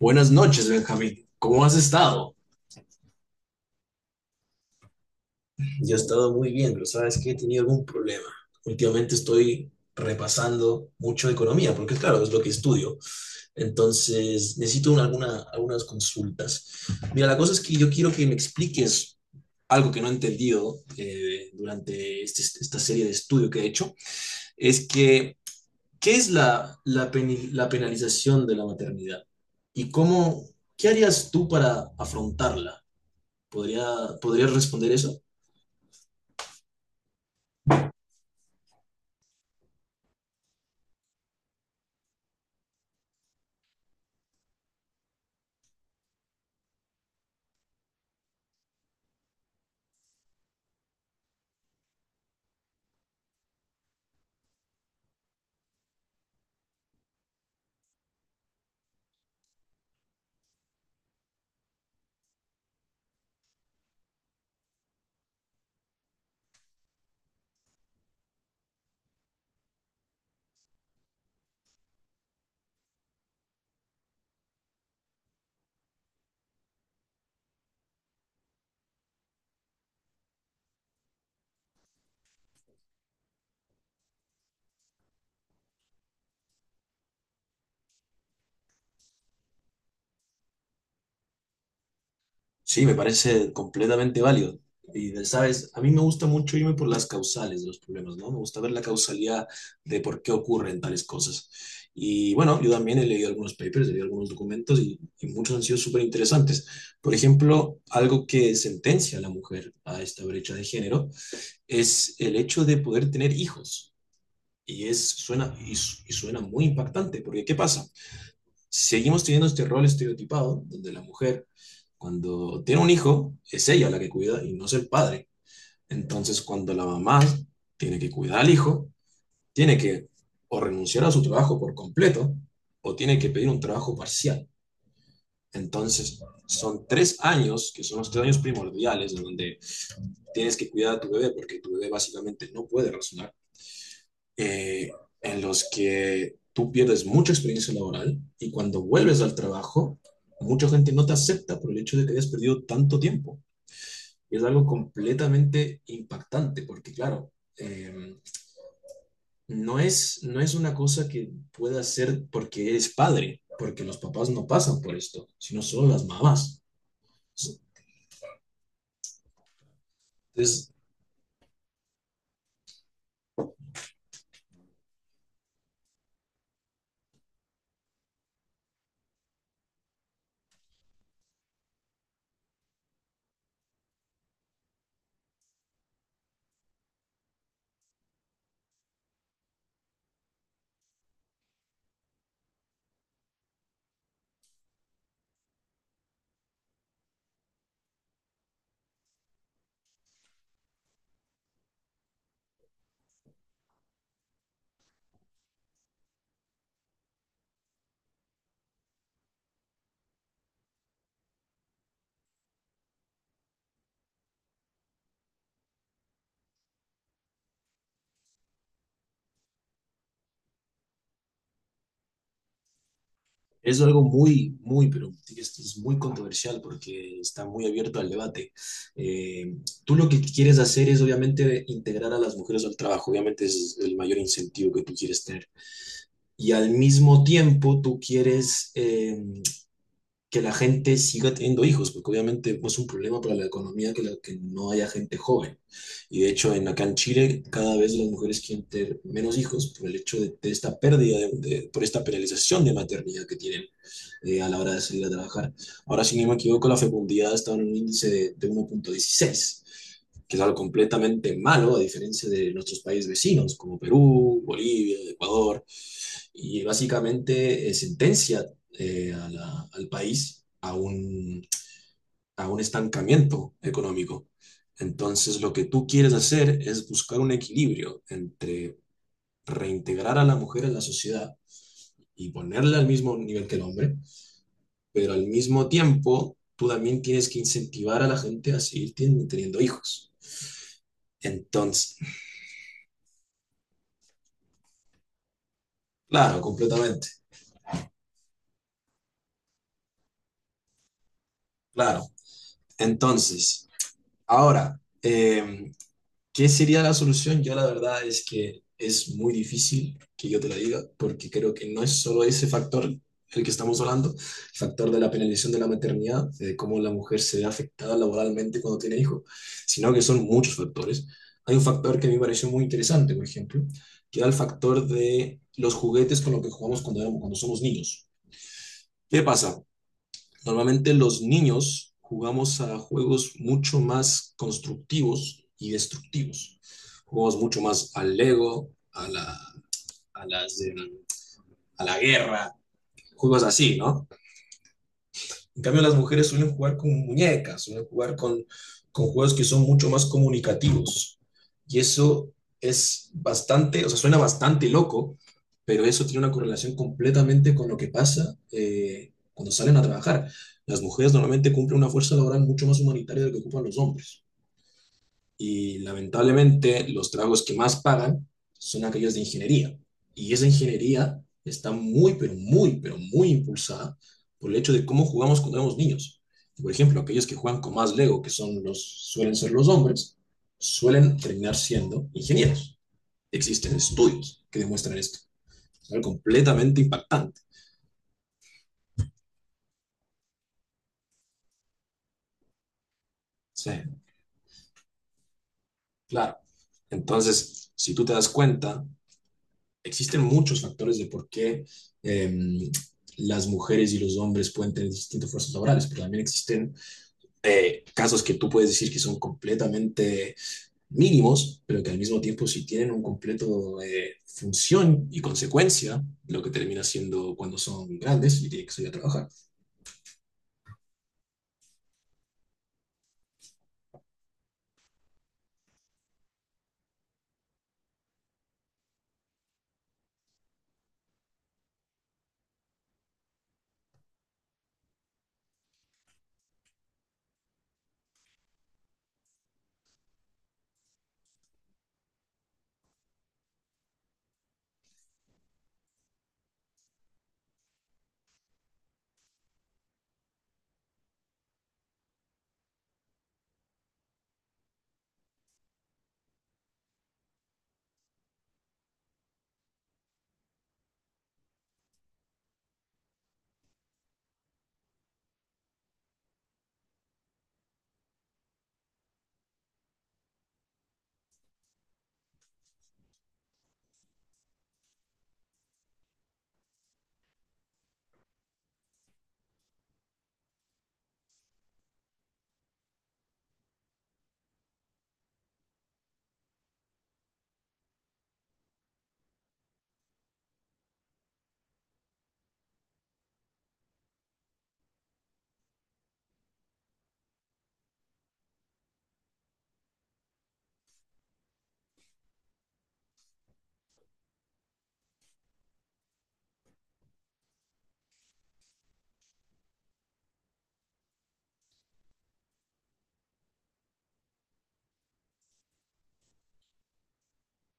Buenas noches, Benjamín. ¿Cómo has estado? Yo he estado muy bien, pero sabes que he tenido algún problema. Últimamente estoy repasando mucho economía, porque claro, es lo que estudio. Entonces, necesito algunas consultas. Mira, la cosa es que yo quiero que me expliques algo que no he entendido, durante esta serie de estudio que he hecho. Es que, ¿qué es la penalización de la maternidad? ¿Y cómo, ¿Qué harías tú para afrontarla? ¿Podría, ¿Podrías responder eso? Sí, me parece completamente válido. Y, sabes, a mí me gusta mucho irme por las causales de los problemas, ¿no? Me gusta ver la causalidad de por qué ocurren tales cosas. Y bueno, yo también he leído algunos papers, he leído algunos documentos, y muchos han sido súper interesantes. Por ejemplo, algo que sentencia a la mujer a esta brecha de género es el hecho de poder tener hijos. Y, es, suena, y, su- y suena muy impactante, porque ¿qué pasa? Seguimos teniendo este rol estereotipado donde la mujer, cuando tiene un hijo, es ella la que cuida y no es el padre. Entonces, cuando la mamá tiene que cuidar al hijo, tiene que o renunciar a su trabajo por completo o tiene que pedir un trabajo parcial. Entonces, son 3 años, que son los 3 años primordiales, en donde tienes que cuidar a tu bebé porque tu bebé básicamente no puede razonar, eh, en los que tú pierdes mucha experiencia laboral, y cuando vuelves al trabajo, mucha gente no te acepta por el hecho de que hayas perdido tanto tiempo. Y es algo completamente impactante, porque claro, eh, no, no es una cosa que puedas hacer porque eres padre, porque los papás no pasan por esto, sino solo las mamás. Entonces, es algo muy, muy, pero esto es muy controversial porque está muy abierto al debate. Eh, Tú lo que quieres hacer es obviamente integrar a las mujeres al trabajo. Obviamente es el mayor incentivo que tú quieres tener. Y al mismo tiempo tú quieres que la gente siga teniendo hijos, porque obviamente es un problema para la economía que, que no haya gente joven. Y de hecho, acá en Chile, cada vez las mujeres quieren tener menos hijos por el hecho de esta pérdida, por esta penalización de maternidad que tienen a la hora de salir a trabajar. Ahora, si no me equivoco, la fecundidad está en un índice de 1,16, que es algo completamente malo, a diferencia de nuestros países vecinos, como Perú, Bolivia, Ecuador, y básicamente sentencia, al país a un estancamiento económico. Entonces, lo que tú quieres hacer es buscar un equilibrio entre reintegrar a la mujer en la sociedad y ponerla al mismo nivel que el hombre, pero al mismo tiempo tú también tienes que incentivar a la gente a seguir teniendo hijos. Entonces, claro, completamente, claro. Entonces, ahora, ¿qué sería la solución? Yo la verdad es que es muy difícil que yo te lo diga, porque creo que no es solo ese factor el que estamos hablando, el factor de la penalización de la maternidad, de cómo la mujer se ve afectada laboralmente cuando tiene hijos, sino que son muchos factores. Hay un factor que a mí me pareció muy interesante, por ejemplo, que era el factor de los juguetes con los que jugamos cuando somos niños. ¿Qué pasa? Normalmente los niños jugamos a juegos mucho más constructivos y destructivos. Jugamos mucho más al Lego, a la, a las, de- a la guerra, juegos así, ¿no? En cambio, las mujeres suelen jugar con muñecas, suelen jugar con juegos que son mucho más comunicativos. Y eso es bastante, o sea, suena bastante loco, pero eso tiene una correlación completamente con lo que pasa cuando salen a trabajar. Las mujeres normalmente cumplen una fuerza laboral mucho más humanitaria de lo que ocupan los hombres. Y lamentablemente los trabajos que más pagan son aquellos de ingeniería. Y esa ingeniería está muy, pero muy, pero muy impulsada por el hecho de cómo jugamos cuando éramos niños. Por ejemplo, aquellos que juegan con más Lego, suelen ser los hombres, suelen terminar siendo ingenieros. Existen estudios que demuestran esto. Es algo completamente impactante. Sí, claro. Entonces, si tú te das cuenta, existen muchos factores de por qué eh, las mujeres y los hombres pueden tener distintas fuerzas laborales, pero también existen casos que tú puedes decir que son completamente mínimos, pero que al mismo tiempo sí tienen un completo función y consecuencia, lo que termina siendo cuando son grandes y tienen que salir a trabajar.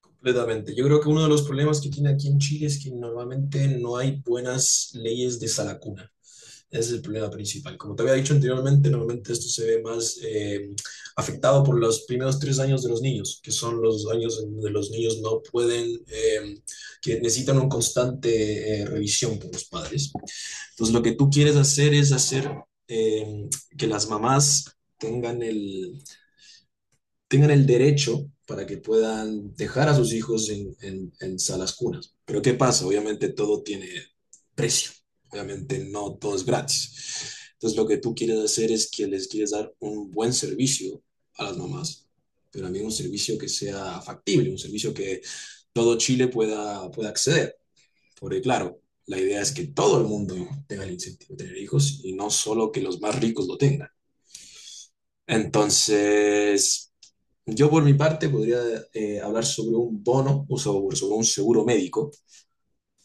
Completamente. Yo creo que uno de los problemas que tiene aquí en Chile es que normalmente no hay buenas leyes de salacuna. Ese es el problema principal. Como te había dicho anteriormente, normalmente esto se ve más afectado por los primeros 3 años de los niños, que son los años en donde los niños no pueden, que necesitan una constante revisión por los padres. Entonces, lo que tú quieres hacer es hacer eh, que las mamás tengan el, tengan el derecho para que puedan dejar a sus hijos en salas cunas. Pero ¿qué pasa? Obviamente todo tiene precio, obviamente no todo es gratis. Entonces, lo que tú quieres hacer es que les quieres dar un buen servicio a las mamás, pero también un servicio que sea factible, un servicio que todo Chile pueda acceder. Porque claro, la idea es que todo el mundo tenga el incentivo de tener hijos y no solo que los más ricos lo tengan. Entonces, yo por mi parte podría hablar sobre un bono, o sobre un seguro médico,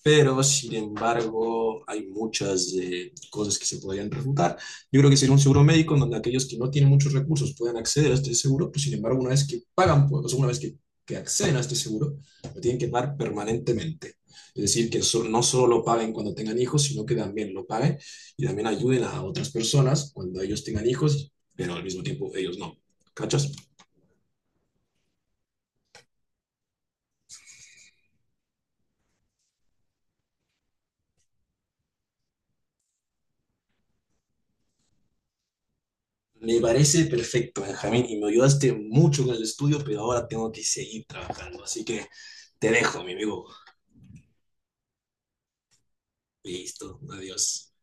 pero sin embargo hay muchas cosas que se podrían refutar. Yo creo que sería un seguro médico en donde aquellos que no tienen muchos recursos puedan acceder a este seguro, pero sin embargo una vez que pagan, pues, o sea, una vez que acceden a este seguro, lo tienen que pagar permanentemente. Es decir, que no solo lo paguen cuando tengan hijos, sino que también lo paguen y también ayuden a otras personas cuando ellos tengan hijos, pero al mismo tiempo ellos no. ¿Cachas? Me parece perfecto, Benjamín, y me ayudaste mucho con el estudio, pero ahora tengo que seguir trabajando. Así que te dejo, mi amigo. Listo, adiós.